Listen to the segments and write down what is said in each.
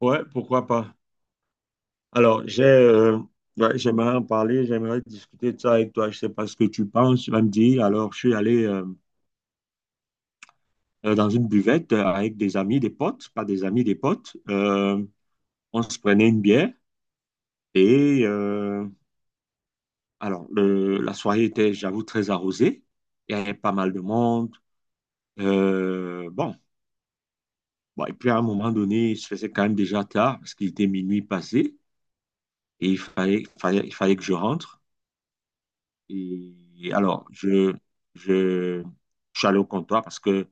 Ouais, pourquoi pas. Alors, ouais, j'aimerais en parler, j'aimerais discuter de ça avec toi. Je sais pas ce que tu penses, tu vas me dire. Alors, je suis allé dans une buvette avec des amis, des potes, pas des amis, des potes. On se prenait une bière et euh, alors, la soirée était, j'avoue, très arrosée. Il y avait pas mal de monde. Bon, bon, et puis à un moment donné, il se faisait quand même déjà tard parce qu'il était minuit passé et il fallait que je rentre. Et alors, je, je suis allé au comptoir parce que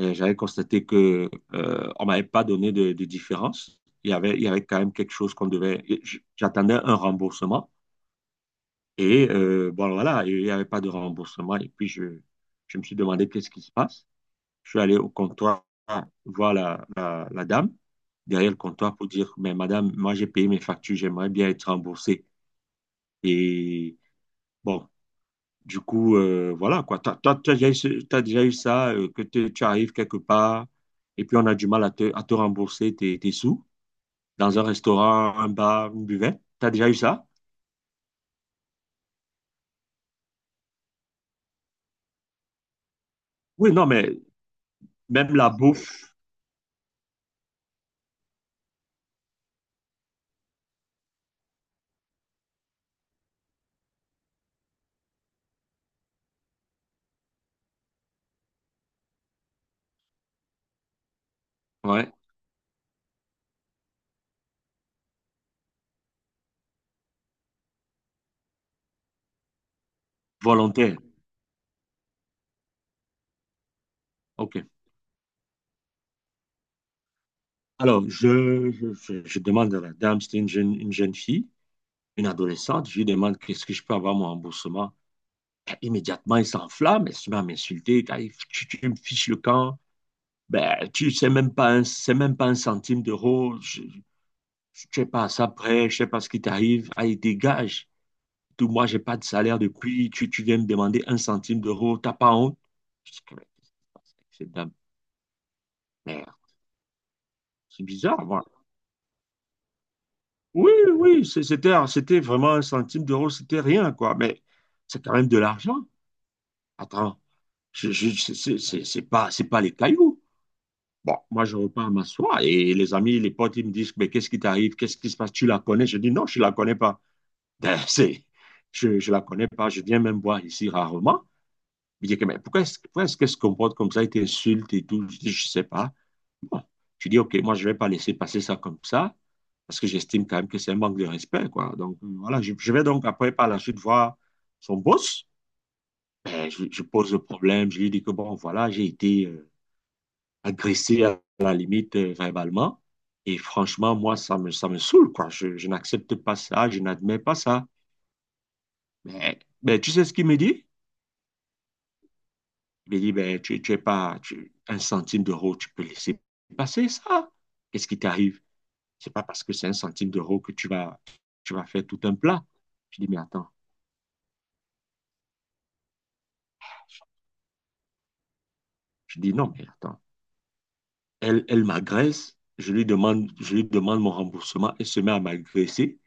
j'avais constaté que on m'avait pas donné de différence. Il y avait quand même quelque chose qu'on devait. J'attendais un remboursement bon voilà, il n'y avait pas de remboursement. Et puis je me suis demandé qu'est-ce qui se passe. Je suis allé au comptoir voir la dame derrière le comptoir pour dire, mais madame, moi j'ai payé mes factures, j'aimerais bien être remboursé. Et bon, du coup, voilà, quoi. T'as déjà eu ça, que tu arrives quelque part et puis on a du mal à te rembourser tes sous dans un restaurant, un bar, une buvette. T'as déjà eu ça? Oui, non, mais même la bouffe, ouais, volontaire. OK. Alors, je demande à la dame, c'était une jeune fille, une adolescente, je lui demande qu'est-ce que je peux avoir mon remboursement. Et immédiatement, il s'enflamme, elle se met à m'insulter. Ah, tu me fiches le camp. Ben, tu sais même pas un, c'est même pas un centime d'euro. Je sais pas ça prêt, je sais pas ce qui t'arrive. Allez, dégage. Tout, moi, j'ai pas de salaire depuis. Tu viens me demander un centime d'euro. T'as pas honte? Je dis, mais qu'est-ce qui se passe avec cette dame? Merde, c'est bizarre, moi. Oui, oui, c'était vraiment un centime d'euro, c'était rien, quoi. Mais c'est quand même de l'argent. Attends, je, c'est pas les cailloux. Bon, moi, je repars m'asseoir et les amis, les potes, ils me disent, mais qu'est-ce qui t'arrive? Qu'est-ce qui se passe? Tu la connais? Je dis, non, je ne la connais pas. Ben, je la connais pas. Je viens même voir ici rarement. Il dit, que, mais pourquoi est-ce qu'elle se comporte comme ça? Elle t'insulte et tout. Je dis, je ne sais pas. Bon, je dis, OK, moi, je ne vais pas laisser passer ça comme ça parce que j'estime quand même que c'est un manque de respect, quoi. Donc, voilà, je vais donc après, par la suite, voir son boss. Ben, je pose le problème. Je lui dis que, bon, voilà, j'ai été agressé à la limite verbalement. Et franchement, moi, ça me saoule, quoi. Je n'accepte pas ça, je n'admets pas ça. Mais tu sais ce qu'il me dit? Il me dit, ben, tu es pas tu- un centime d'euro, tu peux laisser passer ça. Qu'est-ce qui t'arrive? C'est pas parce que c'est un centime d'euro que tu vas faire tout un plat. Je dis, mais attends. Je dis, non, mais attends. Elle m'agresse, je lui demande mon remboursement, elle se met à m'agresser.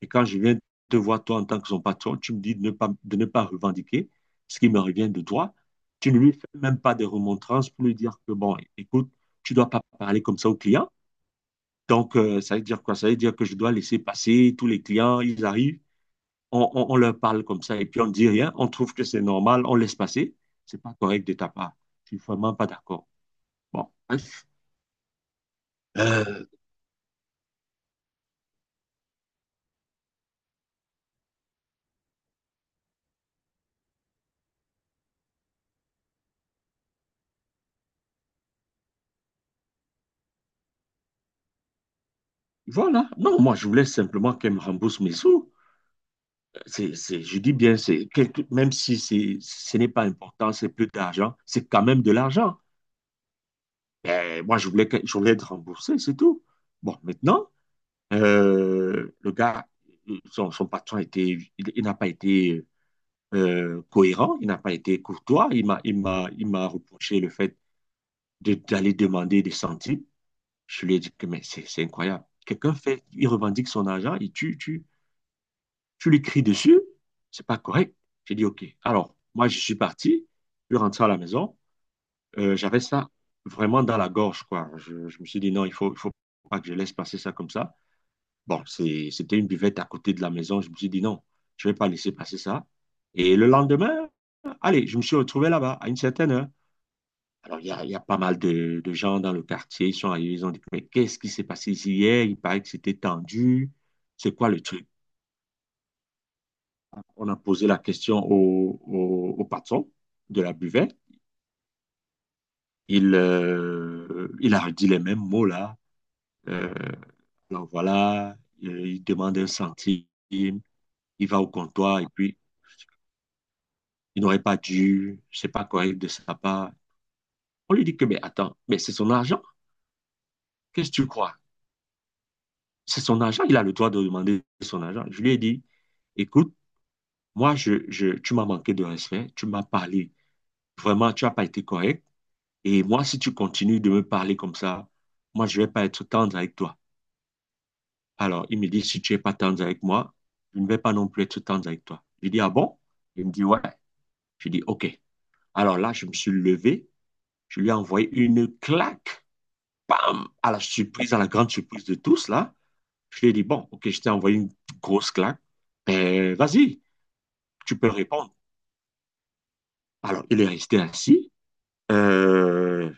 Et quand je viens te voir, toi, en tant que son patron, tu me dis de ne pas revendiquer ce qui me revient de toi. Tu ne lui fais même pas de remontrances pour lui dire que, bon, écoute, tu ne dois pas parler comme ça aux clients. Donc, ça veut dire quoi? Ça veut dire que je dois laisser passer tous les clients, ils arrivent, on leur parle comme ça et puis on ne dit rien, on trouve que c'est normal, on laisse passer. C'est pas correct de ta part. Je ne suis vraiment pas d'accord. Bon, bref. Euh, voilà. Non, moi, je voulais simplement qu'elle me rembourse mes sous. Je dis bien, c'est, même si c'est, ce n'est pas important, c'est plus d'argent, c'est quand même de l'argent. Ben, moi, je voulais être remboursé, c'est tout. Bon, maintenant, le gars, son patron a été, il n'a pas été cohérent, il n'a pas été courtois, il m'a reproché le fait d'aller demander des centimes. Je lui ai dit que mais c'est incroyable. Quelqu'un fait, il revendique son argent, il tue, tue. Tu lui cries dessus, c'est pas correct. J'ai dit, OK. Alors, moi, je suis parti, je suis rentré à la maison. J'avais ça vraiment dans la gorge, quoi. Je me suis dit, non, il faut pas que je laisse passer ça comme ça. Bon, c'était une buvette à côté de la maison. Je me suis dit, non, je vais pas laisser passer ça. Et le lendemain, allez, je me suis retrouvé là-bas à une certaine heure. Alors, il y a pas mal de gens dans le quartier. Ils sont arrivés, ils ont dit, mais qu'est-ce qui s'est passé ici hier? Il paraît que c'était tendu. C'est quoi le truc? On a posé la question au patron de la buvette. Il a dit les mêmes mots là. Euh, alors voilà, il demande un centime, il va au comptoir et puis il n'aurait pas dû, c'est pas correct de sa part. On lui dit que, mais attends, mais c'est son argent. Qu'est-ce que tu crois? C'est son argent, il a le droit de demander son argent. Je lui ai dit, écoute, moi, je tu m'as manqué de respect, tu m'as parlé. Vraiment, tu n'as pas été correct. Et moi, si tu continues de me parler comme ça, moi, je ne vais pas être tendre avec toi. Alors, il me dit, si tu n'es pas tendre avec moi, je ne vais pas non plus être tendre avec toi. Je dis, ah bon? Il me dit, ouais. Je dis, ok. Alors là, je me suis levé, je lui ai envoyé une claque, à la grande surprise de tous, là. Je lui ai dit, bon, ok, je t'ai envoyé une grosse claque. Ben, vas-y, tu peux répondre. Alors, il est resté assis. Euh,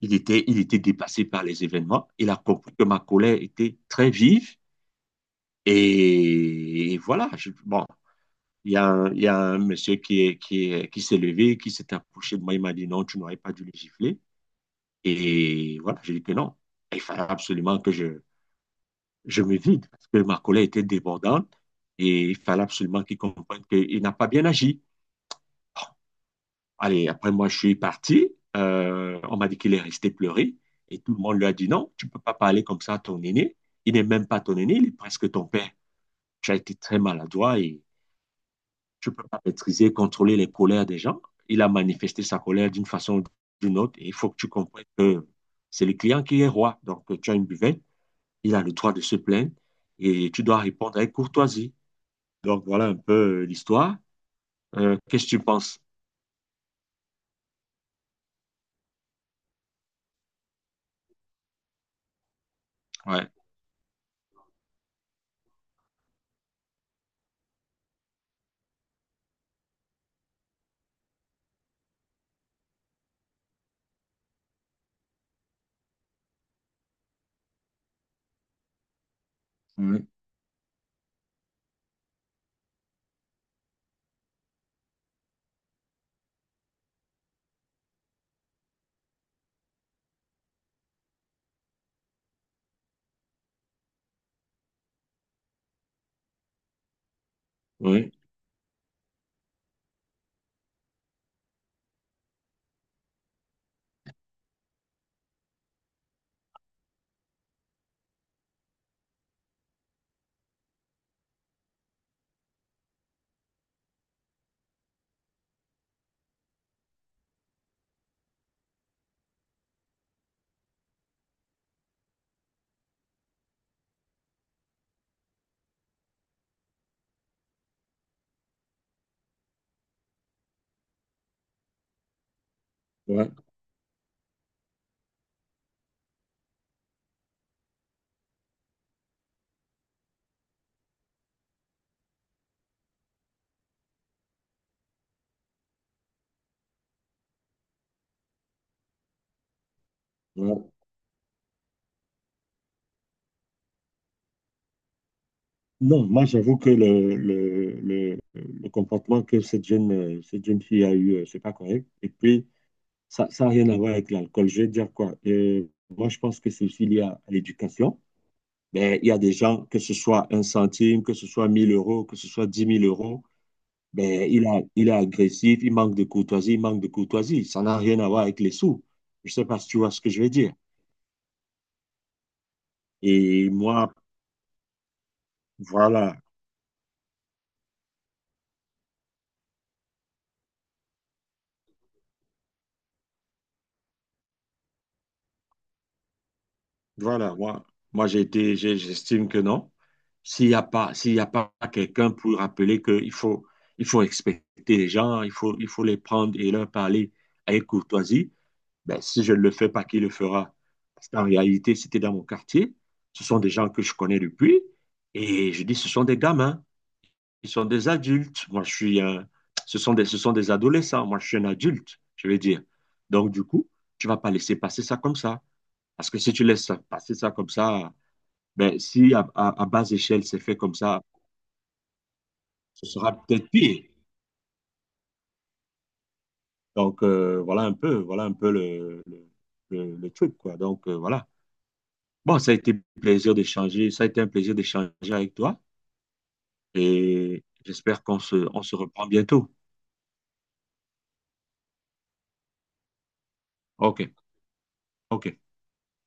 il était dépassé par les événements. Il a compris que ma colère était très vive. Et voilà, bon, il y a un monsieur qui s'est levé, qui s'est approché de moi, il m'a dit non, tu n'aurais pas dû le gifler. Et voilà, j'ai dit que non. Il fallait absolument que je me vide, parce que ma collègue était débordante et il fallait absolument qu'il comprenne qu'il n'a pas bien agi. Bon, allez, après moi, je suis parti. On m'a dit qu'il est resté pleurer et tout le monde lui a dit non, tu ne peux pas parler comme ça à ton aîné. Il n'est même pas ton aîné, il est presque ton père. Tu as été très maladroit et tu ne peux pas maîtriser, contrôler les colères des gens. Il a manifesté sa colère d'une façon ou d'une autre. Et il faut que tu comprennes que c'est le client qui est roi. Donc, tu as une buvette, il a le droit de se plaindre et tu dois répondre avec courtoisie. Donc, voilà un peu l'histoire. Qu'est-ce que tu penses? Ouais. Oui, oui, ouais, ouais. Non, moi j'avoue que le comportement que cette jeune fille a eu, c'est pas correct. Et puis, ça n'a rien à voir avec l'alcool. Je vais dire quoi? Moi, je pense que c'est aussi lié à l'éducation. Ben, il y a des gens, que ce soit un centime, que ce soit 1 000 euros, que ce soit 10 000 euros, ben, il est agressif, il manque de courtoisie, il manque de courtoisie. Ça n'a rien à voir avec les sous. Je ne sais pas si tu vois ce que je veux dire. Et moi, voilà, voilà, moi j'estime que non. S'il y a pas quelqu'un pour rappeler il faut respecter les gens, il faut les prendre et leur parler avec courtoisie, ben, si je ne le fais pas, qui le fera? Parce qu'en réalité, c'était dans mon quartier. Ce sont des gens que je connais depuis. Et je dis, ce sont des gamins. Ils sont des adultes. Moi, je suis un, ce sont des, Ce sont des adolescents. Moi, je suis un adulte, je veux dire. Donc, du coup, tu vas pas laisser passer ça comme ça. Parce que si tu laisses passer ça comme ça, ben, si à basse échelle c'est fait comme ça, ce sera peut-être pire. Donc, voilà un peu le truc, quoi. Donc, voilà. Bon, ça a été un plaisir d'échanger, ça a été un plaisir d'échanger avec toi et j'espère on se reprend bientôt. OK, OK.